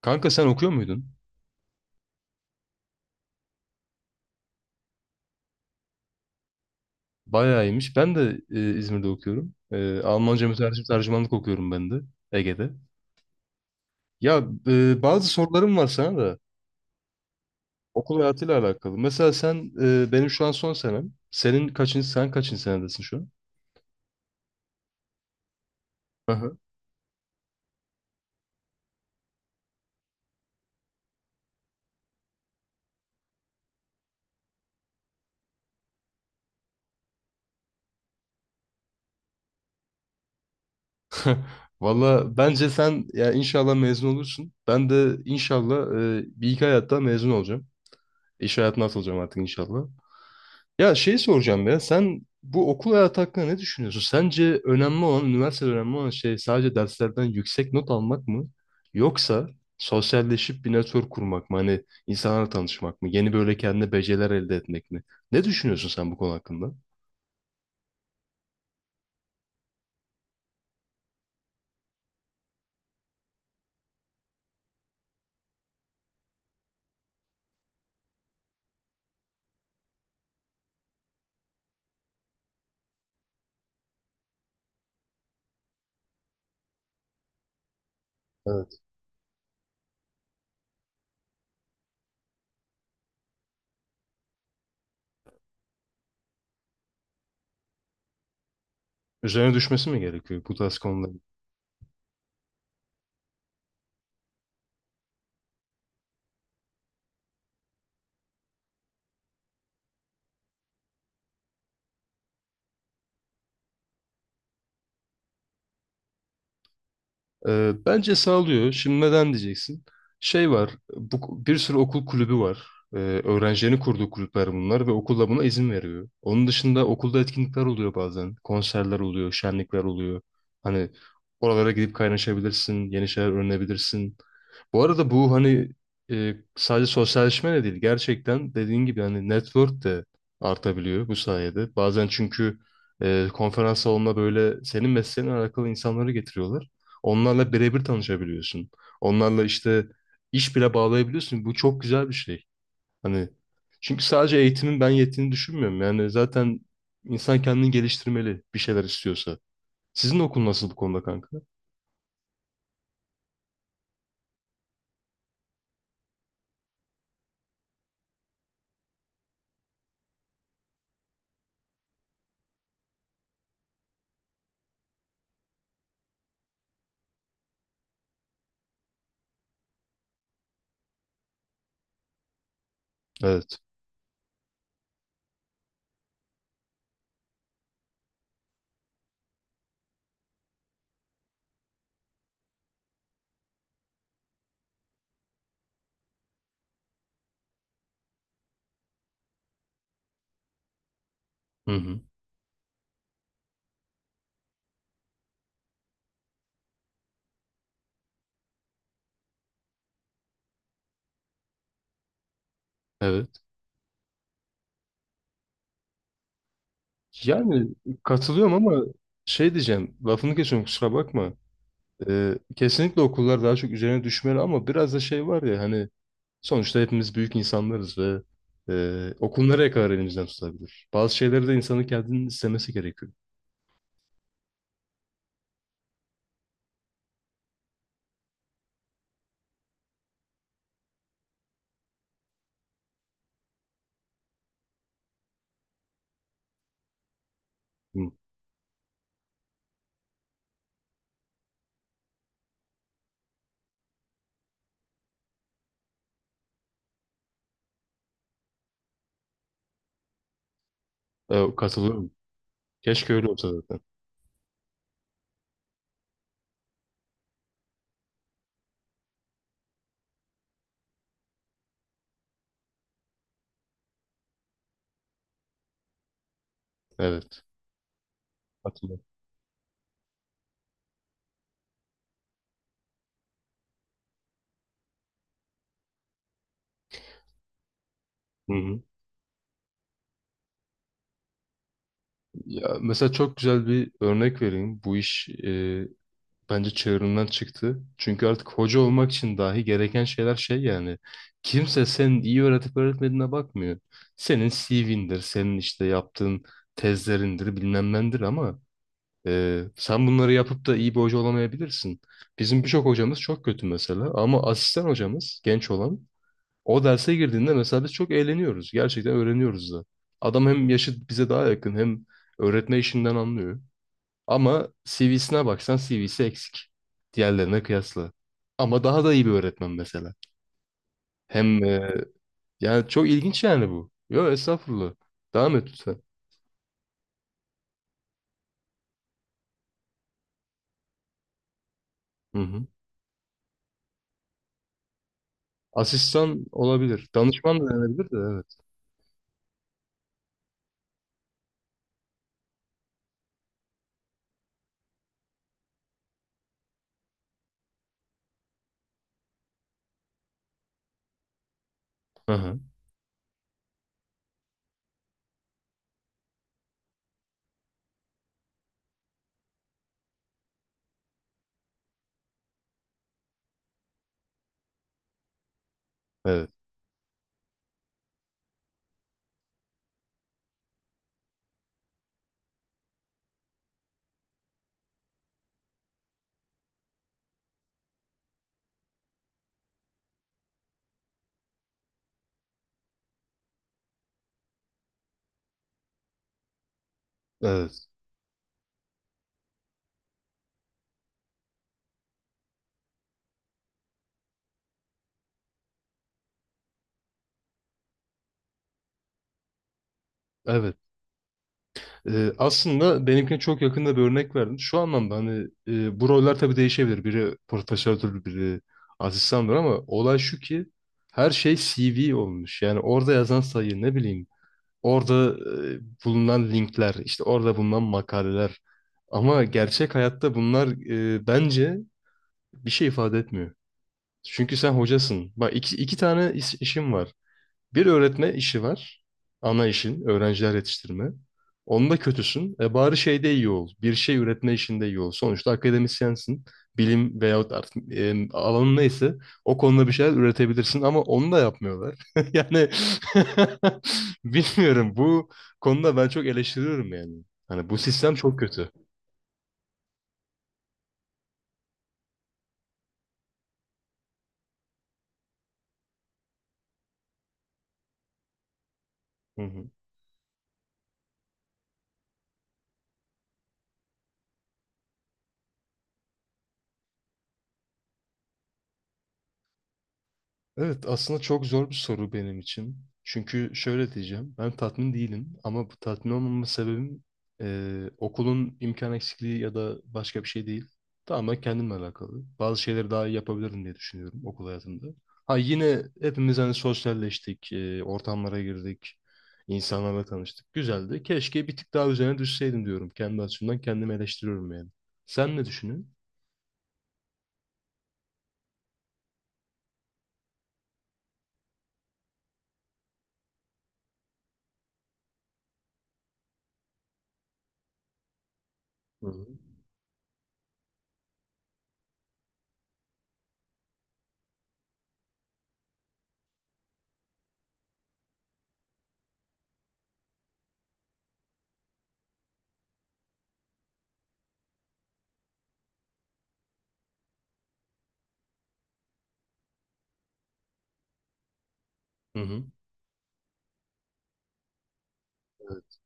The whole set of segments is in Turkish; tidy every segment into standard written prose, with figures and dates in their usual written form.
Kanka sen okuyor muydun? Bayağı iyiymiş. Ben de İzmir'de okuyorum. Almanca mütercim tercümanlık okuyorum ben de Ege'de. Ya bazı sorularım var sana da okul hayatıyla alakalı. Mesela sen benim şu an son senem. Sen kaçıncı senedesin şu an? Aha. Valla bence sen ya inşallah mezun olursun. Ben de inşallah bir iki hayatta mezun olacağım. İş hayatına atılacağım artık inşallah. Ya şey soracağım ya sen bu okul hayatı hakkında ne düşünüyorsun? Sence önemli olan, üniversitede önemli olan şey sadece derslerden yüksek not almak mı? Yoksa sosyalleşip bir network kurmak mı? Hani insanlarla tanışmak mı? Yeni böyle kendine beceriler elde etmek mi? Ne düşünüyorsun sen bu konu hakkında? Evet. Üzerine düşmesi mi gerekiyor bu tarz konular? Bence sağlıyor. Şimdi neden diyeceksin? Şey var, bu, bir sürü okul kulübü var. Ee, öğrencilerin kurduğu kulüpler bunlar ve okul da buna izin veriyor. Onun dışında okulda etkinlikler oluyor bazen. Konserler oluyor, şenlikler oluyor. Hani oralara gidip kaynaşabilirsin, yeni şeyler öğrenebilirsin. Bu arada bu hani sadece sosyalleşme de değil. Gerçekten dediğin gibi hani network de artabiliyor bu sayede. Bazen çünkü konferans salonuna böyle senin mesleğinle alakalı insanları getiriyorlar. Onlarla birebir tanışabiliyorsun. Onlarla işte iş bile bağlayabiliyorsun. Bu çok güzel bir şey. Hani çünkü sadece eğitimin ben yettiğini düşünmüyorum. Yani zaten insan kendini geliştirmeli bir şeyler istiyorsa. Sizin okul nasıl bu konuda kanka? Evet. Hı hı. Evet. Yani katılıyorum ama şey diyeceğim. Lafını kesiyorum kusura bakma. Kesinlikle okullar daha çok üzerine düşmeli ama biraz da şey var ya hani sonuçta hepimiz büyük insanlarız ve okul nereye kadar elimizden tutabilir? Bazı şeyleri de insanın kendinin istemesi gerekiyor. Hı. E, katılıyorum. Keşke öyle olsa zaten. Evet. Katılıyorum. Hı hı. Ya, mesela çok güzel bir örnek vereyim. Bu iş bence çığırından çıktı. Çünkü artık hoca olmak için dahi gereken şeyler şey yani. Kimse senin iyi öğretip öğretmediğine bakmıyor. Senin CV'ndir, senin işte yaptığın tezlerindir, bilmem nendir ama sen bunları yapıp da iyi bir hoca olamayabilirsin. Bizim birçok hocamız çok kötü mesela ama asistan hocamız genç olan o derse girdiğinde mesela biz çok eğleniyoruz. Gerçekten öğreniyoruz da. Adam hem yaşı bize daha yakın hem öğretme işinden anlıyor. Ama CV'sine baksan CV'si eksik. Diğerlerine kıyasla. Ama daha da iyi bir öğretmen mesela. Hem e, yani çok ilginç yani bu. Yo estağfurullah. Devam et lütfen. Hı hı. Asistan olabilir. Danışman da denebilir de evet. Hı hı. Evet. Evet. Evet. Aslında benimkine çok yakında bir örnek verdim. Şu anlamda hani bu roller tabii değişebilir. Biri profesördür, biri asistandır ama olay şu ki her şey CV olmuş. Yani orada yazan sayı ne bileyim. Orada bulunan linkler, işte orada bulunan makaleler. Ama gerçek hayatta bunlar bence bir şey ifade etmiyor. Çünkü sen hocasın. Bak iki tane işim var. Bir öğretme işi var. Ana işin, öğrenciler yetiştirme. Onda kötüsün. E bari şeyde iyi ol. Bir şey üretme işinde iyi ol. Sonuçta akademisyensin. Bilim veyahut artık alanın neyse o konuda bir şeyler üretebilirsin ama onu da yapmıyorlar. Yani bilmiyorum bu konuda ben çok eleştiriyorum yani. Hani bu sistem çok kötü. Hı hı. Evet, aslında çok zor bir soru benim için. Çünkü şöyle diyeceğim, ben tatmin değilim ama bu tatmin olmama sebebim okulun imkan eksikliği ya da başka bir şey değil. Tamamen kendimle alakalı. Bazı şeyleri daha iyi yapabilirim diye düşünüyorum okul hayatında. Ha yine hepimiz hani sosyalleştik, ortamlara girdik, insanlarla tanıştık. Güzeldi. Keşke bir tık daha üzerine düşseydim diyorum. Kendi açımdan kendimi eleştiriyorum yani. Sen ne düşünüyorsun? Hı hı. Hı hı. Evet.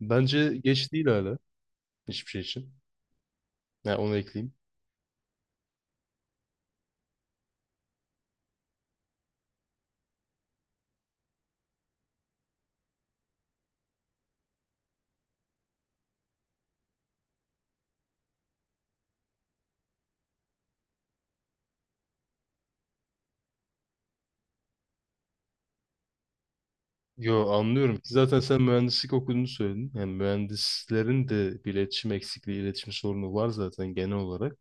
Bence geç değil hala hiçbir şey için. Ya onu ekleyeyim. Yo anlıyorum. Zaten sen mühendislik okuduğunu söyledin. Yani mühendislerin de bir iletişim eksikliği, iletişim sorunu var zaten genel olarak.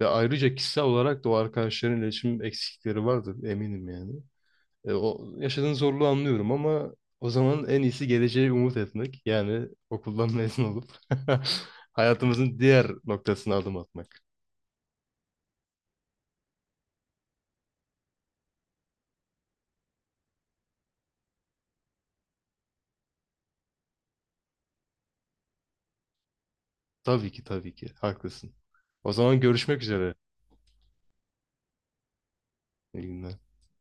Ve ayrıca kişisel olarak da o arkadaşların iletişim eksiklikleri vardır eminim yani. O yaşadığın zorluğu anlıyorum ama o zaman en iyisi geleceğe umut etmek. Yani okuldan mezun olup hayatımızın diğer noktasına adım atmak. Tabii ki tabii ki haklısın. O zaman görüşmek üzere. İyi günler.